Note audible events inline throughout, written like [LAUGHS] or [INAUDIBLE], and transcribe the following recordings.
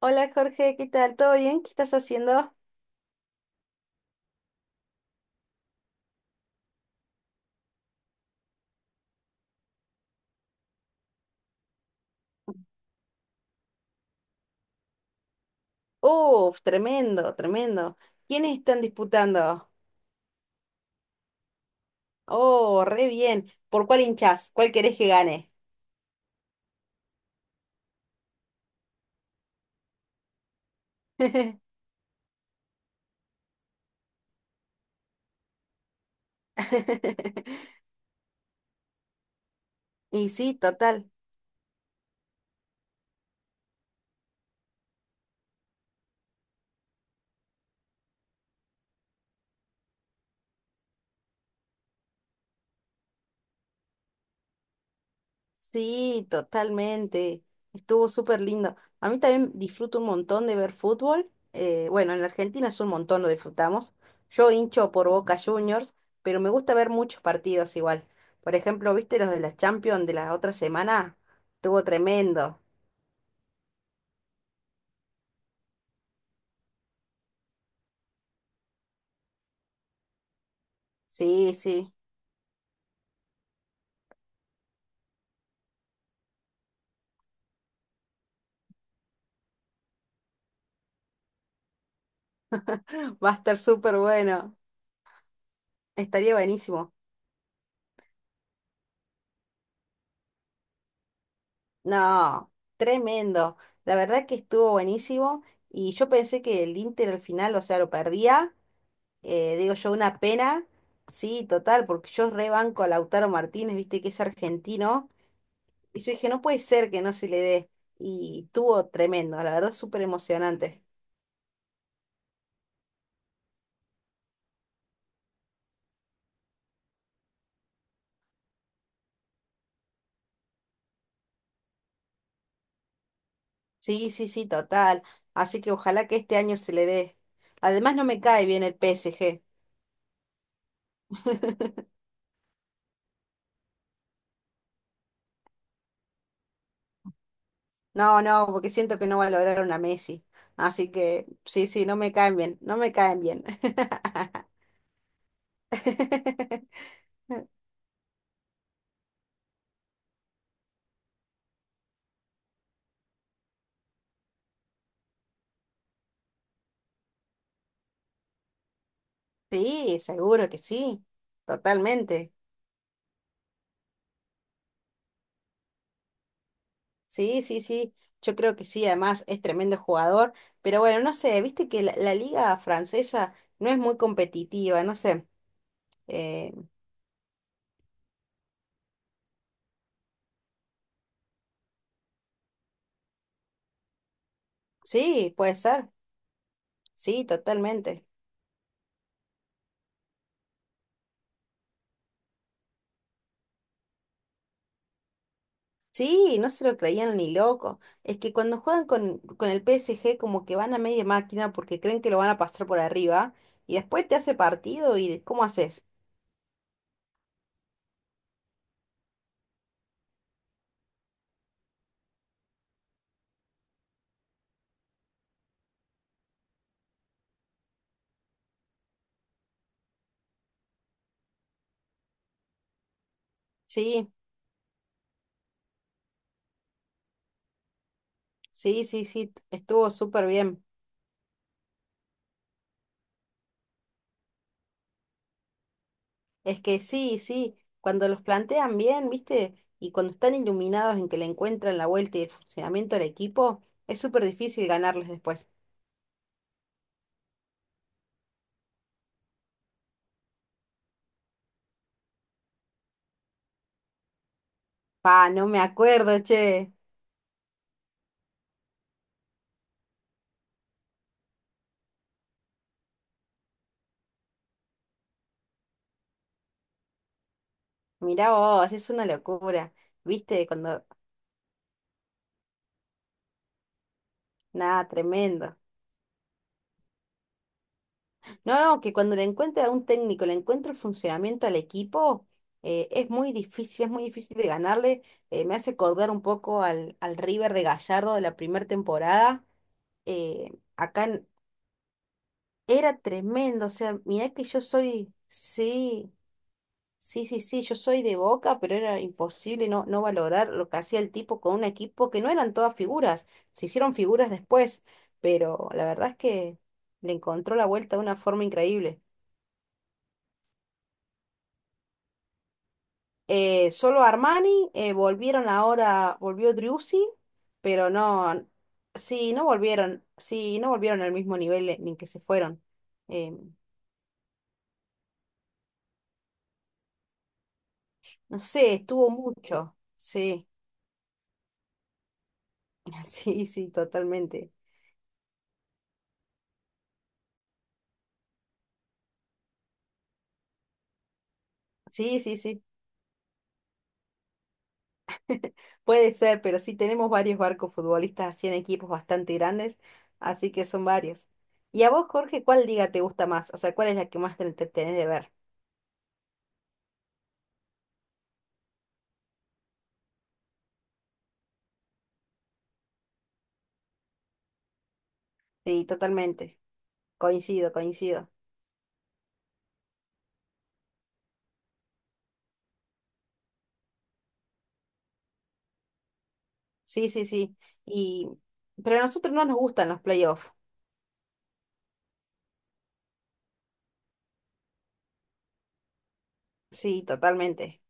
Hola Jorge, ¿qué tal? ¿Todo bien? ¿Qué estás haciendo? Uf, tremendo, tremendo. ¿Quiénes están disputando? Oh, re bien. ¿Por cuál hinchás? ¿Cuál querés que gane? [LAUGHS] Y sí, total. Sí, totalmente. Estuvo súper lindo. A mí también disfruto un montón de ver fútbol. Bueno, en la Argentina es un montón, lo disfrutamos. Yo hincho por Boca Juniors, pero me gusta ver muchos partidos igual. Por ejemplo, ¿viste los de la Champions de la otra semana? Estuvo tremendo. Sí, sí. [GASPS] Va a estar súper bueno. Estaría buenísimo. No, tremendo. La verdad que estuvo buenísimo y yo pensé que el Inter al final, o sea, lo perdía. Digo yo, una pena. Sí, total, porque yo rebanco a Lautaro Martínez, viste que es argentino, y yo dije, no puede ser que no se le dé, y estuvo tremendo, la verdad, súper emocionante. Sí, sí, sí, total, así que ojalá que este año se le dé. Además, no me cae bien el PSG. [LAUGHS] No, no, porque siento que no va a lograr una Messi. Así que sí, sí, no me caen bien, no me caen bien. [LAUGHS] Sí, seguro que sí, totalmente. Sí, sí, sí, yo creo que sí, además es tremendo jugador, pero bueno, no sé, viste que la liga francesa no es muy competitiva, no sé. eh, sí, puede ser, sí, totalmente. Sí, no se lo creían ni loco. Es que cuando juegan con el PSG como que van a media máquina porque creen que lo van a pasar por arriba y después te hace partido y ¿cómo haces? Sí, sí, sí, sí, estuvo súper bien. Es que sí, sí, cuando los plantean bien, ¿viste? Y cuando están iluminados en que le encuentran la vuelta y el funcionamiento del equipo, es súper difícil ganarles después. Pa, no me acuerdo, che. Mirá vos, es una locura. ¿Viste? Cuando... Nada, tremendo. No, no, que cuando le encuentra a un técnico, le encuentra el funcionamiento al equipo, es muy difícil de ganarle. Me hace acordar un poco al River de Gallardo de la primera temporada. Acá era tremendo, o sea, mirá que yo soy, sí, sí, sí, sí, yo soy de Boca, pero era imposible no, no valorar lo que hacía el tipo con un equipo que no eran todas figuras, se hicieron figuras después, pero la verdad es que le encontró la vuelta de una forma increíble. Solo Armani, volvieron ahora, volvió Driussi, pero no, sí, no volvieron al mismo nivel ni que se fueron. Em, no sé, estuvo mucho, sí. [LAUGHS] Sí, sí, totalmente. Sí, sí, sí. Puede ser, pero sí tenemos varios barcos futbolistas así en equipos bastante grandes, así que son varios. ¿Y a vos, Jorge, cuál liga te gusta más? O sea, ¿cuál es la que más te entretenés de ver? Sí, totalmente. Coincido, coincido. Sí, sí, sí. Y pero a nosotros no nos gustan los playoffs. Sí, totalmente.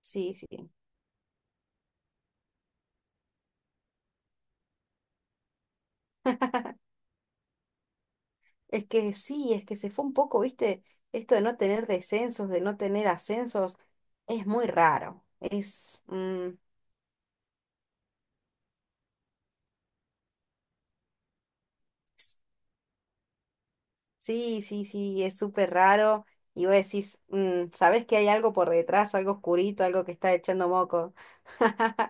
Sí, sí. Es que sí, es que se fue un poco, ¿viste? Esto de no tener descensos, de no tener ascensos, es muy raro. Es, sí, sí, sí, es súper raro. Y vos decís, mm, sabés que hay algo por detrás, algo oscurito, algo que está echando moco. [LAUGHS]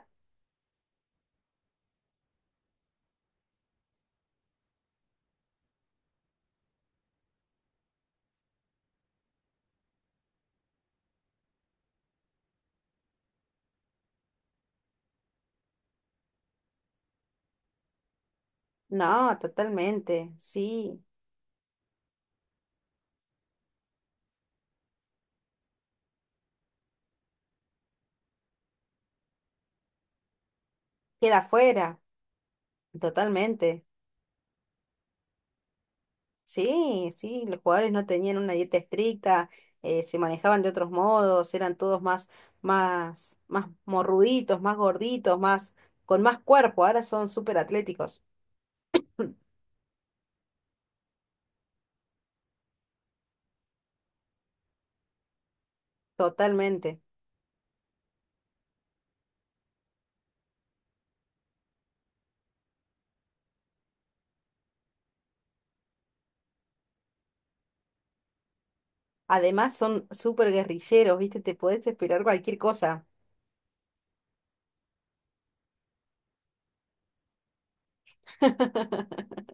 No, totalmente, sí. Queda fuera, totalmente. Sí, sí, los jugadores no tenían una dieta estricta, se manejaban de otros modos, eran todos más, más morruditos, más gorditos, más, con más cuerpo. Ahora son súper atléticos. [CLEARS THROAT] [LAUGHS] Totalmente. Además son súper guerrilleros, ¿viste? Te podés esperar cualquier cosa. [LAUGHS]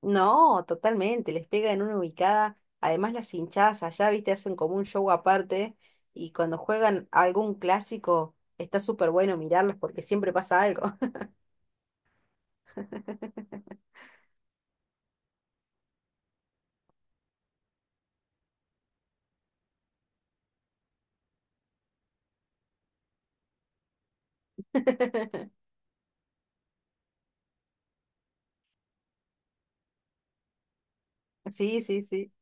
No, totalmente, les pega en una ubicada. Además, las hinchadas allá, viste, hacen como un show aparte. Y cuando juegan algún clásico, está súper bueno mirarlos porque siempre pasa algo. [LAUGHS] Sí, sí, sí,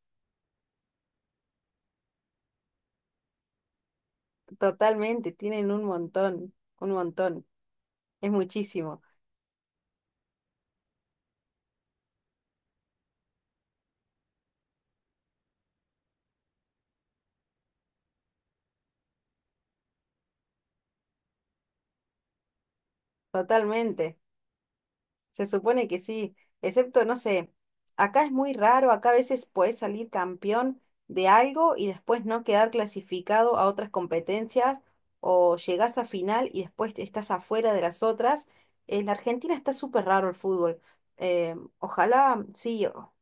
totalmente, tienen un montón, es muchísimo, totalmente. Se supone que sí, excepto, no sé, acá es muy raro, acá a veces puedes salir campeón de algo y después no quedar clasificado a otras competencias o llegás a final y después estás afuera de las otras. En la Argentina está súper raro el fútbol. Ojalá, sí, o-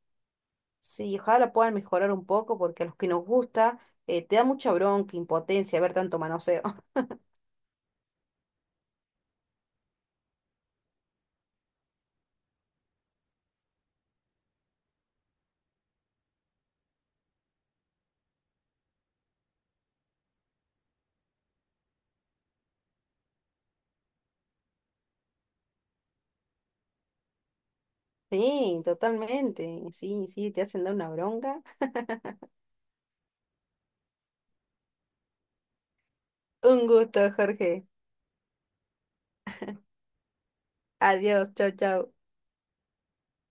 sí, ojalá puedan mejorar un poco porque a los que nos gusta te da mucha bronca, impotencia ver tanto manoseo. [LAUGHS] Sí, totalmente, sí, sí, te hacen dar una bronca. Un gusto, Jorge. Adiós, chao, chao.